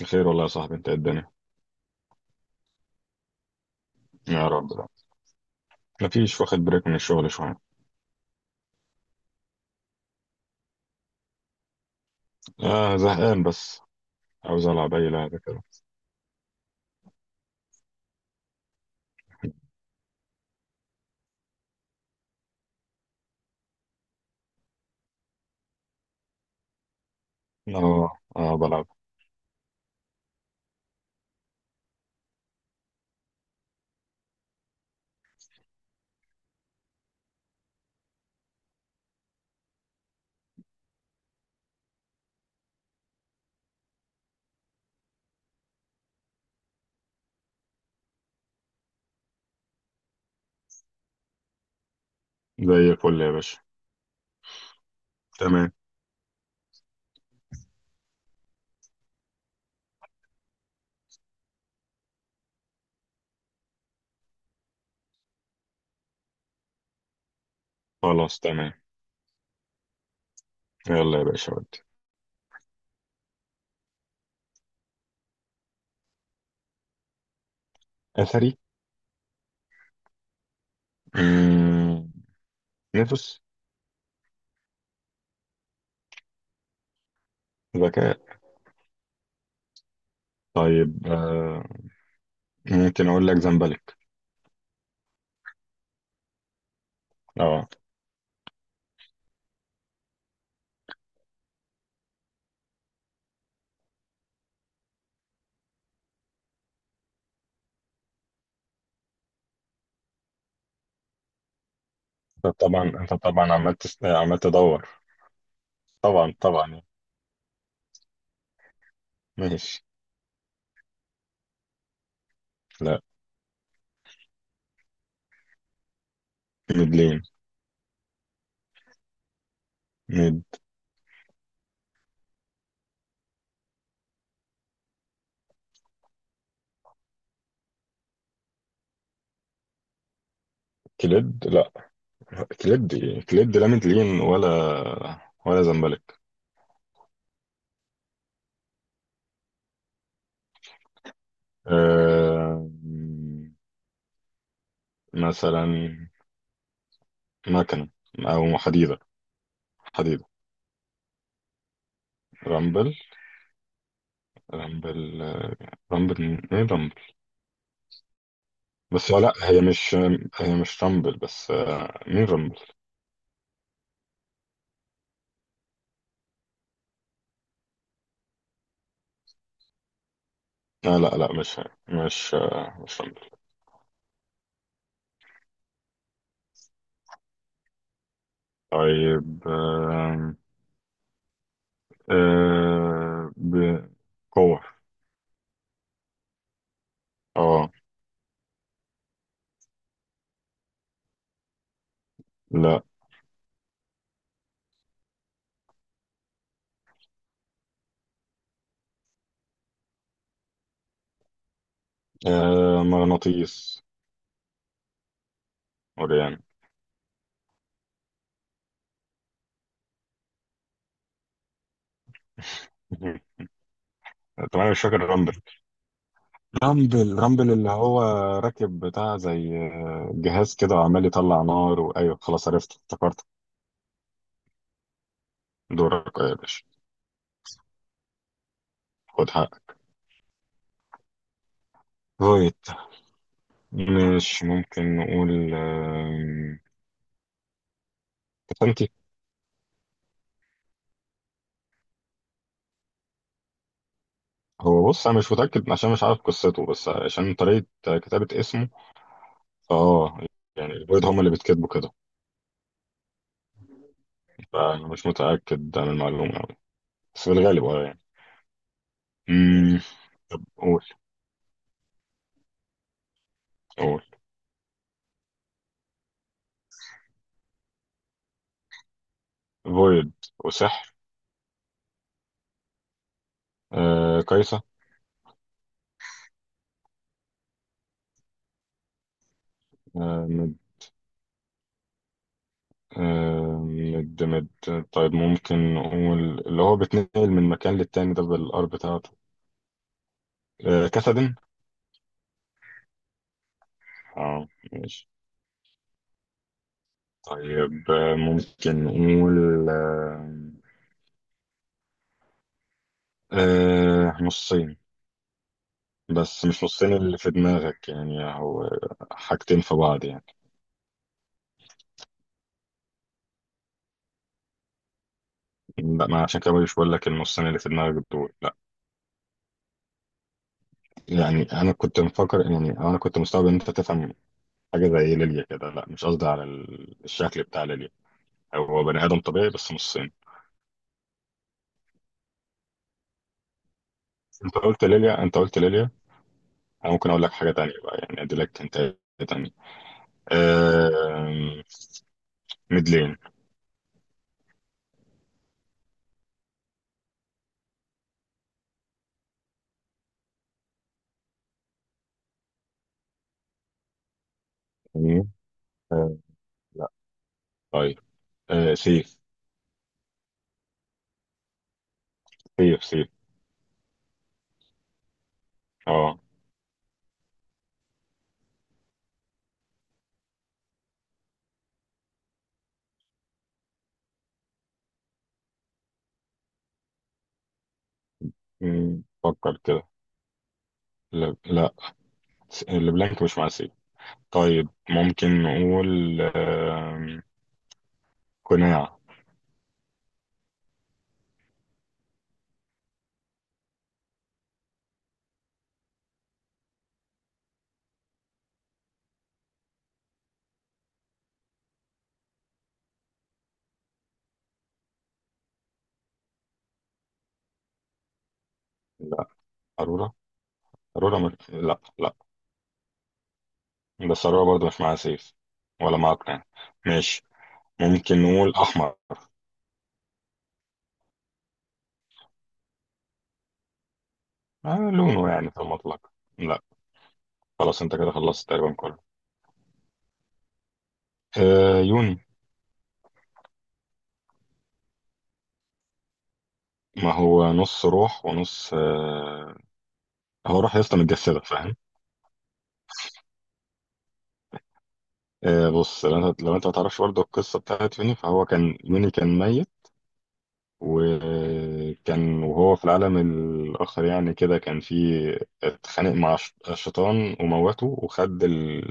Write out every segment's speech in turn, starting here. بخير والله يا صاحبي، انت ايه الدنيا؟ يا رب ده، مفيش واخد بريك من الشغل شوية. آه، زهقان بس. عاوز ألعب أي لعبة كده. اه اه، بلعب. زي الفل يا باشا. تمام. خلاص، تمام. يلا يا باشا ودي. أثري. مم، نفس. ذكاء. طيب، ممكن أقول لك زمبلك. اه. انت طبعا عمال تدور. طبعا طبعا يعني. ماشي. لا، ميدلين، ميد، كليد. لا، كليد. كليد، لا ميدلين ولا زمبلك. أه... مثلا مكنة، أو حديدة. حديدة. رامبل. رامبل، رامبل. مين رامبل؟ بس لا، هي مش رامبل. بس مين رامبل؟ لا لا لا، مش هي. مش رامبل. طيب، آه، ب- كور. اه. لا. مغناطيس. وريان. طبعا أنا مش فاكر رامبل. رامبل، رامبل اللي هو راكب بتاع زي جهاز كده وعمال يطلع نار، وايوه خلاص عرفت، افتكرت. دورك يا باشا. خد حقك. فويت. مش ممكن نقول باتانتي. هو بص، انا مش متاكد عشان مش عارف قصته، بس عشان طريقه كتابه اسمه فاه، يعني البيض هم اللي بيتكتبوا كده. فانا مش متاكد عن المعلومه أوي. بس بالغالب اه يعني. مم. طب قول. قول فويد وسحر. آه، كايسة. آه. آه، مد. طيب، ممكن نقول اللي هو بيتنقل من مكان للتاني ده بالار بتاعته. كسدن. اه، ماشي. طيب، ممكن نقول نصين. بس مش نصين اللي في دماغك، يعني هو حاجتين في بعض يعني. لا، ما عشان كده مش بقول لك النصين اللي في دماغك دول لا. يعني انا كنت مفكر، يعني انا كنت مستوعب ان انت تفهم حاجه زي ليليا كده. لا، مش قصدي على الشكل بتاع ليليا. هو بني ادم طبيعي بس نصين. انت قلت ليليا، انت قلت ليليا. انا ممكن اقول لك حاجه تانية بقى يعني، ادي لك انت. تانية. آه... ميدلين. مم. آه... لا. طيب. سيف. سيف، سيف. اه. فكر كده. لا لا. البلانك مش مع سيف. طيب، ممكن نقول قناع. لا. أرورا. لا لا. بس أرورا برضه مش معاها سيف ولا معاها قناع. ماشي. ممكن نقول أحمر. آه، لونه يعني في المطلق. لا. خلاص انت كده خلصت تقريبا كله. آه، يوني. ما هو نص روح ونص آه. هو روح يا اسطى متجسدة، فاهم؟ آه بص، لو انت ما تعرفش برضه القصة بتاعت يوني، فهو كان يوني كان ميت. وكان وهو في العالم الآخر يعني كده، كان في، اتخانق مع الشيطان وموته، وخد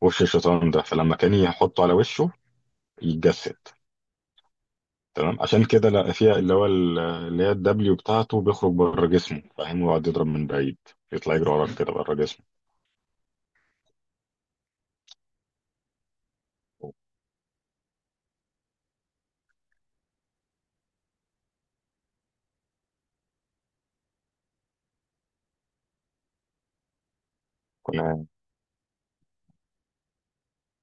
وش الشيطان ده. فلما كان يحطه على وشه يتجسد. تمام، عشان كده لقى فيها اللي هو، ال- اللي هي الدبليو بتاعته بيخرج بره جسمه، فاهم؟ ويقعد يضرب من بعيد، يطلع يجري وراك كده بره جسمه.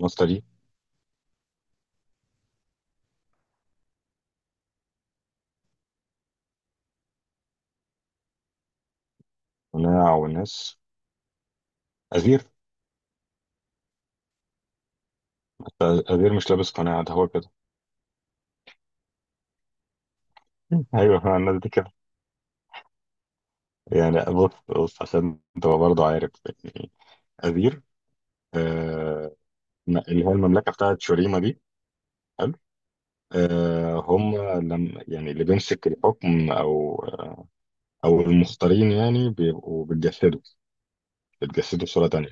الناس دي. قناع والناس. أزير. أزير مش لابس قناع، ده هو كده. أيوه، مع الناس دي كده. يعني بص بص عشان تبقى برضه عارف، يعني أزير، آه، اللي هي المملكة بتاعت شوريما دي. حلو. آه، هم لم يعني اللي بيمسك الحكم، أو المختارين، يعني بيبقوا بيتجسدوا. بيتجسدوا بصورة تانية.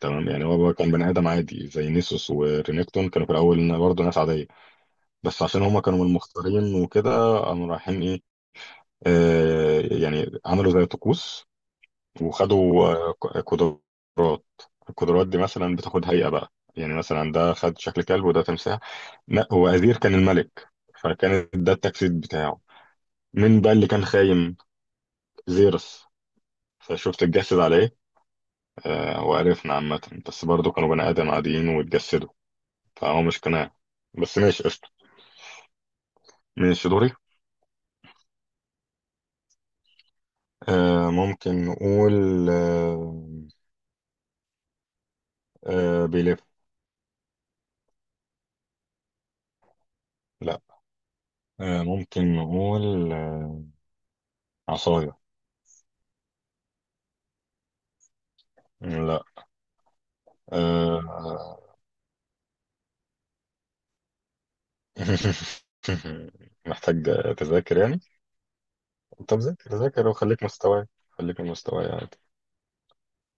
تمام، يعني هو كان بني آدم عادي زي نيسوس ورينيكتون، كانوا في الأول برضه ناس عادية. بس عشان هم كانوا من المختارين وكده قاموا رايحين إيه، يعني عملوا زي طقوس، وخدوا قدرات. القدرات دي مثلا بتاخد هيئة بقى، يعني مثلا ده خد شكل كلب، وده تمساح. لا، هو أزير كان الملك، فكان ده التجسيد بتاعه. مين بقى اللي كان خايم؟ زيرس، فشفت اتجسد عليه. وعرفنا عامة، بس برضه كانوا بني آدم عاديين واتجسدوا. فهو مش قناع. بس ماشي، قشطة. ماشي، دوري. ممكن نقول بيلف. لا. ممكن نقول عصاية. لا. آه. محتاج تذاكر يعني. طب ذاكر، ذاكر، وخليك مستواي، خليك من مستواي.